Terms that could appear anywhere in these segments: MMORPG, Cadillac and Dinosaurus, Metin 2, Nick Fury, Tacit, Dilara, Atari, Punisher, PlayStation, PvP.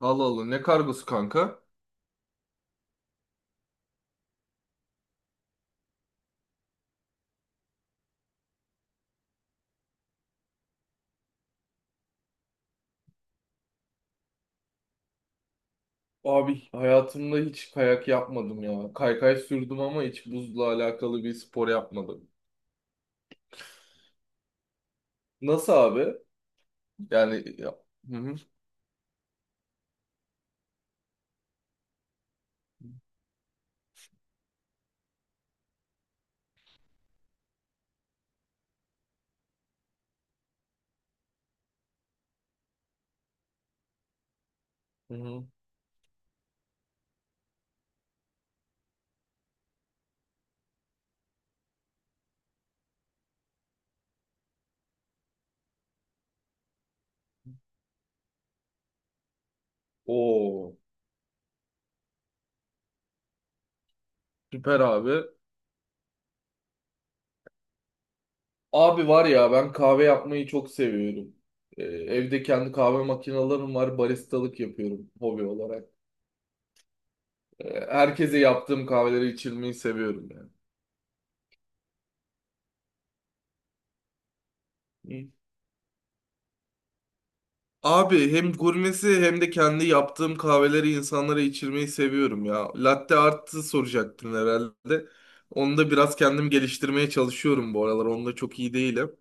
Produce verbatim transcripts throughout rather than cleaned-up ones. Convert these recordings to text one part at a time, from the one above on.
Allah Allah, ne kargosu kanka? Abi hayatımda hiç kayak yapmadım ya. Kaykay sürdüm ama hiç buzla alakalı bir spor yapmadım. Nasıl abi? Yani ya. Hı hı. Hı hı. Oo, süper abi. Abi var ya, ben kahve yapmayı çok seviyorum. Ee, evde kendi kahve makinelerim var. Baristalık yapıyorum hobi olarak. Ee, herkese yaptığım kahveleri içirmeyi seviyorum yani. Abi hem gurmesi hem de kendi yaptığım kahveleri insanlara içirmeyi seviyorum ya. Latte art'ı soracaktın herhalde. Onu da biraz kendim geliştirmeye çalışıyorum bu aralar. Onda çok iyi değilim.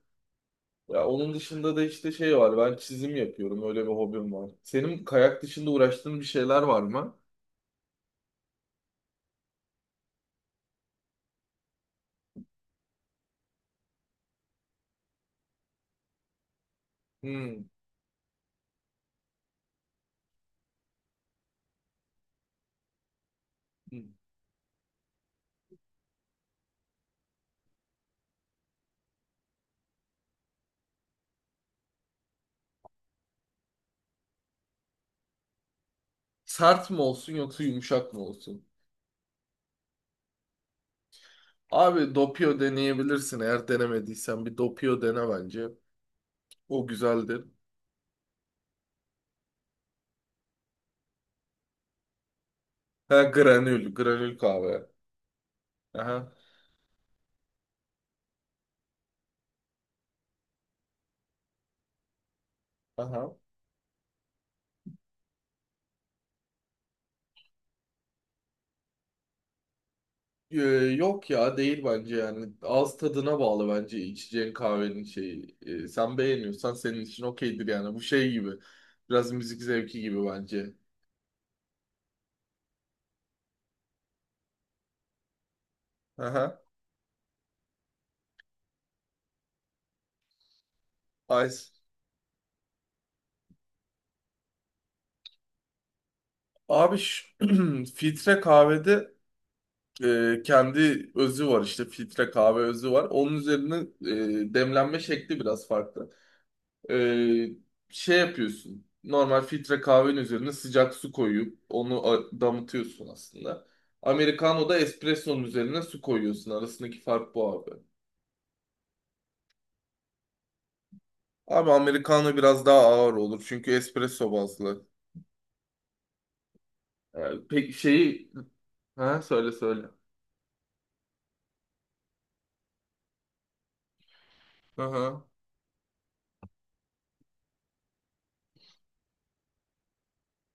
Ya onun dışında da işte şey var. Ben çizim yapıyorum. Öyle bir hobim var. Senin kayak dışında uğraştığın bir şeyler var mı? Hmm. Hmm. Sert mi olsun yoksa yumuşak mı olsun? Abi dopio deneyebilirsin. Eğer denemediysen bir dopio dene bence. O güzeldir. Ha, granül, granül kahve. Aha. Aha. Ee, Yok ya, değil bence yani. Ağız tadına bağlı bence içeceğin kahvenin şeyi. Ee, sen beğeniyorsan senin için okeydir yani. Bu şey gibi. Biraz müzik zevki gibi bence. Aha. Ice. Abi şu- filtre kahvede e, kendi özü var işte. Filtre kahve özü var. Onun üzerine e, demlenme şekli biraz farklı. Ee, Şey yapıyorsun. Normal filtre kahvenin üzerine sıcak su koyup onu a- damıtıyorsun aslında. Americano da espresso'nun üzerine su koyuyorsun. Arasındaki fark bu abi. Abi Americano biraz daha ağır olur çünkü espresso bazlı. Ee, pek şeyi... Ha, söyle söyle. Aha.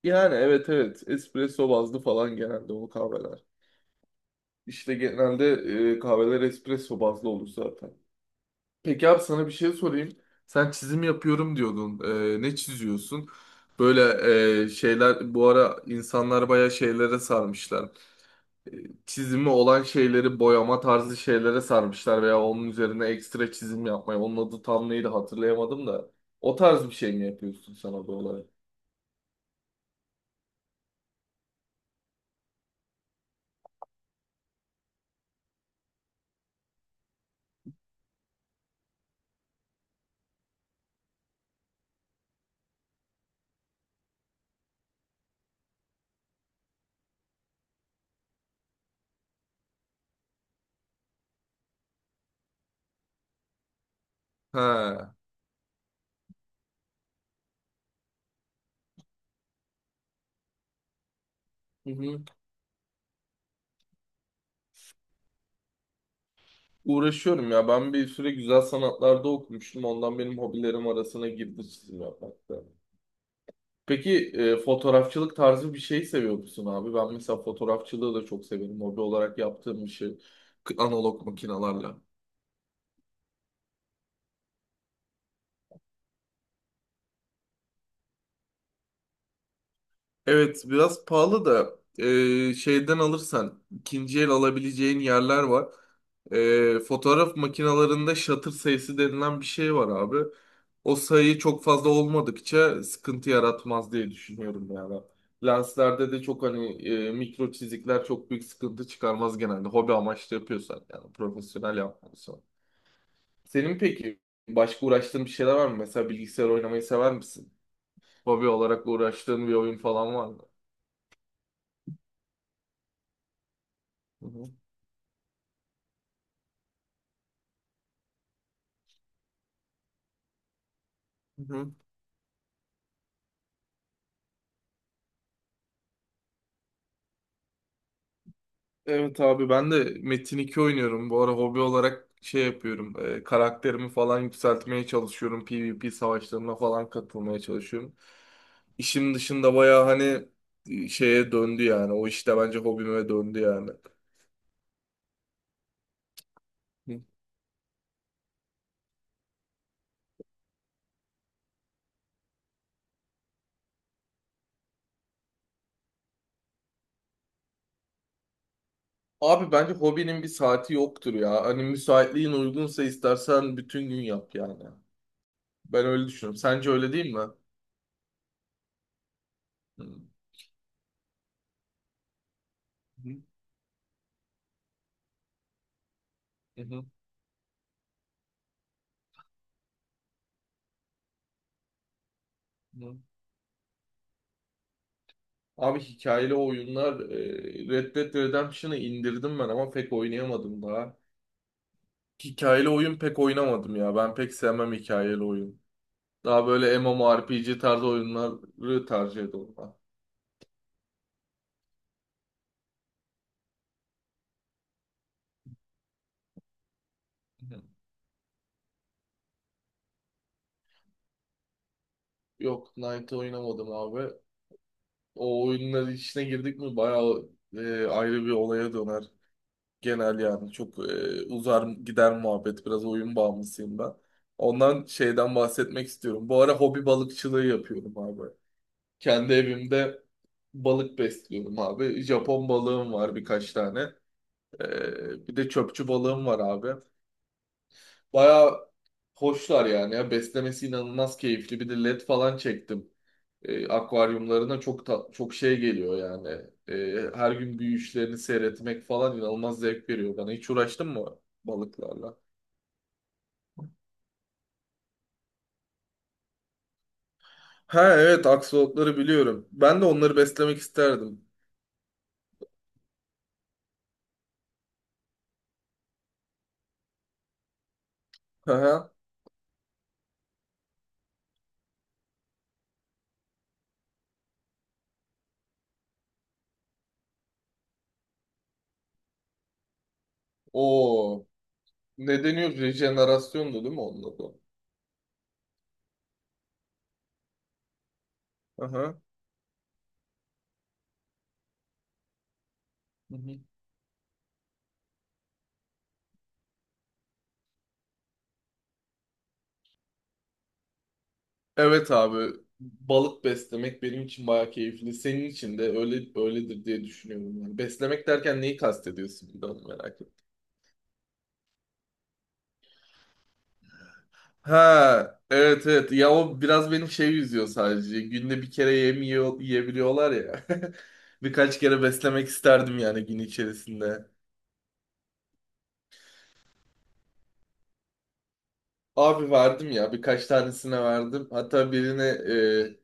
Yani evet evet espresso bazlı falan genelde o kahveler. İşte genelde e, kahveler espresso bazlı olur zaten. Peki abi, sana bir şey sorayım. Sen çizim yapıyorum diyordun. Ee, ne çiziyorsun? Böyle e, şeyler, bu ara insanlar bayağı şeylere sarmışlar. Ee, Çizimi olan şeyleri boyama tarzı şeylere sarmışlar veya onun üzerine ekstra çizim yapmaya. Onun adı tam neydi hatırlayamadım da. O tarz bir şey mi yapıyorsun sen abi olarak? Ha. Hı hı. Uğraşıyorum ya. Ben bir süre güzel sanatlarda okumuştum. Ondan benim hobilerim arasına girdi çizim yapmak da. Peki e, fotoğrafçılık tarzı bir şey seviyor musun abi? Ben mesela fotoğrafçılığı da çok severim. Hobi olarak yaptığım bir şey. K- analog makinalarla. Evet, biraz pahalı da e, şeyden alırsan ikinci el alabileceğin yerler var. E, fotoğraf makinalarında shutter sayısı denilen bir şey var abi. O sayı çok fazla olmadıkça sıkıntı yaratmaz diye düşünüyorum yani. Lenslerde de çok hani e, mikro çizikler çok büyük sıkıntı çıkarmaz genelde. Hobi amaçlı yapıyorsan yani, profesyonel yapmıyorsan. Senin peki başka uğraştığın bir şeyler var mı? Mesela bilgisayar oynamayı sever misin? Hobi olarak uğraştığın bir oyun falan var mı? Hı hı. Hı hı. Evet abi, ben de Metin iki oynuyorum. Bu ara hobi olarak şey yapıyorum. E, karakterimi falan yükseltmeye çalışıyorum. PvP savaşlarına falan katılmaya çalışıyorum. İşim dışında baya hani e, şeye döndü yani. O işte bence hobime döndü yani. Hı. Abi bence hobinin bir saati yoktur ya. Hani müsaitliğin uygunsa istersen bütün gün yap yani. Ben öyle düşünüyorum. Sence öyle değil mi? Hı. Hı. Hı. Hı. Abi hikayeli oyunlar, e, Red Dead Redemption'ı indirdim ben ama pek oynayamadım daha. Hikayeli oyun pek oynamadım ya. Ben pek sevmem hikayeli oyun. Daha böyle MMORPG tarzı oyunları tercih ediyorum ben. Hı. Yok, Knight'ı oynamadım abi. O oyunların içine girdik mi bayağı e, ayrı bir olaya döner. Genel yani çok e, uzar gider muhabbet. Biraz oyun bağımlısıyım ben. Ondan şeyden bahsetmek istiyorum. Bu ara hobi balıkçılığı yapıyorum abi. Kendi evimde balık besliyorum abi. Japon balığım var birkaç tane. Ee, bir de çöpçü balığım var abi. Baya hoşlar yani ya. Beslemesi inanılmaz keyifli. Bir de led falan çektim. Ee, akvaryumlarına çok ta- çok şey geliyor yani. Ee, her gün büyüyüşlerini seyretmek falan inanılmaz zevk veriyor bana. Hiç uğraştın mı balıklarla? Ha evet, aksolotları biliyorum. Ben de onları beslemek isterdim. Hı hı. Oo. Ne deniyor? Rejenerasyondu değil mi onun adı? Aha. Hı hı. Evet abi. Balık beslemek benim için bayağı keyifli. Senin için de öyle öyledir diye düşünüyorum. Yani beslemek derken neyi kastediyorsun, bir de onu merak ettim. Ha, evet evet. Ya o biraz benim şey, yüzüyor sadece. Günde bir kere yem yiyor, yiyebiliyorlar ya. Birkaç kere beslemek isterdim yani gün içerisinde. Abi verdim ya, birkaç tanesine verdim. Hatta birine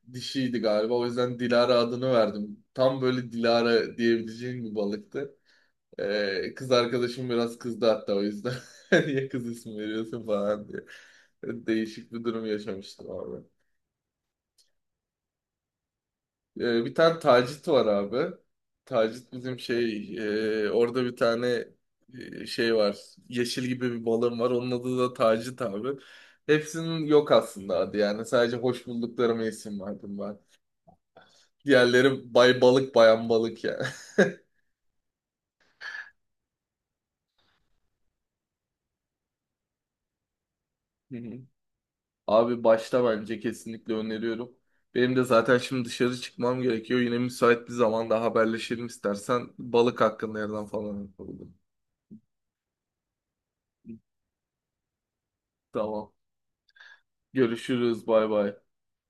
e, dişiydi galiba. O yüzden Dilara adını verdim. Tam böyle Dilara diyebileceğim bir balıktı. Ee, kız arkadaşım biraz kızdı hatta o yüzden. Niye kız ismi veriyorsun falan diye. Değişik bir durum yaşamıştım abi. Ee, bir tane Tacit var abi. Tacit bizim şey e, orada bir tane e, şey var. Yeşil gibi bir balığım var. Onun adı da Tacit abi. Hepsinin yok aslında adı yani. Sadece hoş bulduklarıma isim verdim ben. Diğerleri bay balık, bayan balık yani. Abi başta bence kesinlikle öneriyorum. Benim de zaten şimdi dışarı çıkmam gerekiyor. Yine müsait bir zamanda haberleşelim istersen. Balık hakkında yerden falan yapalım. Tamam. Görüşürüz. Bay bay.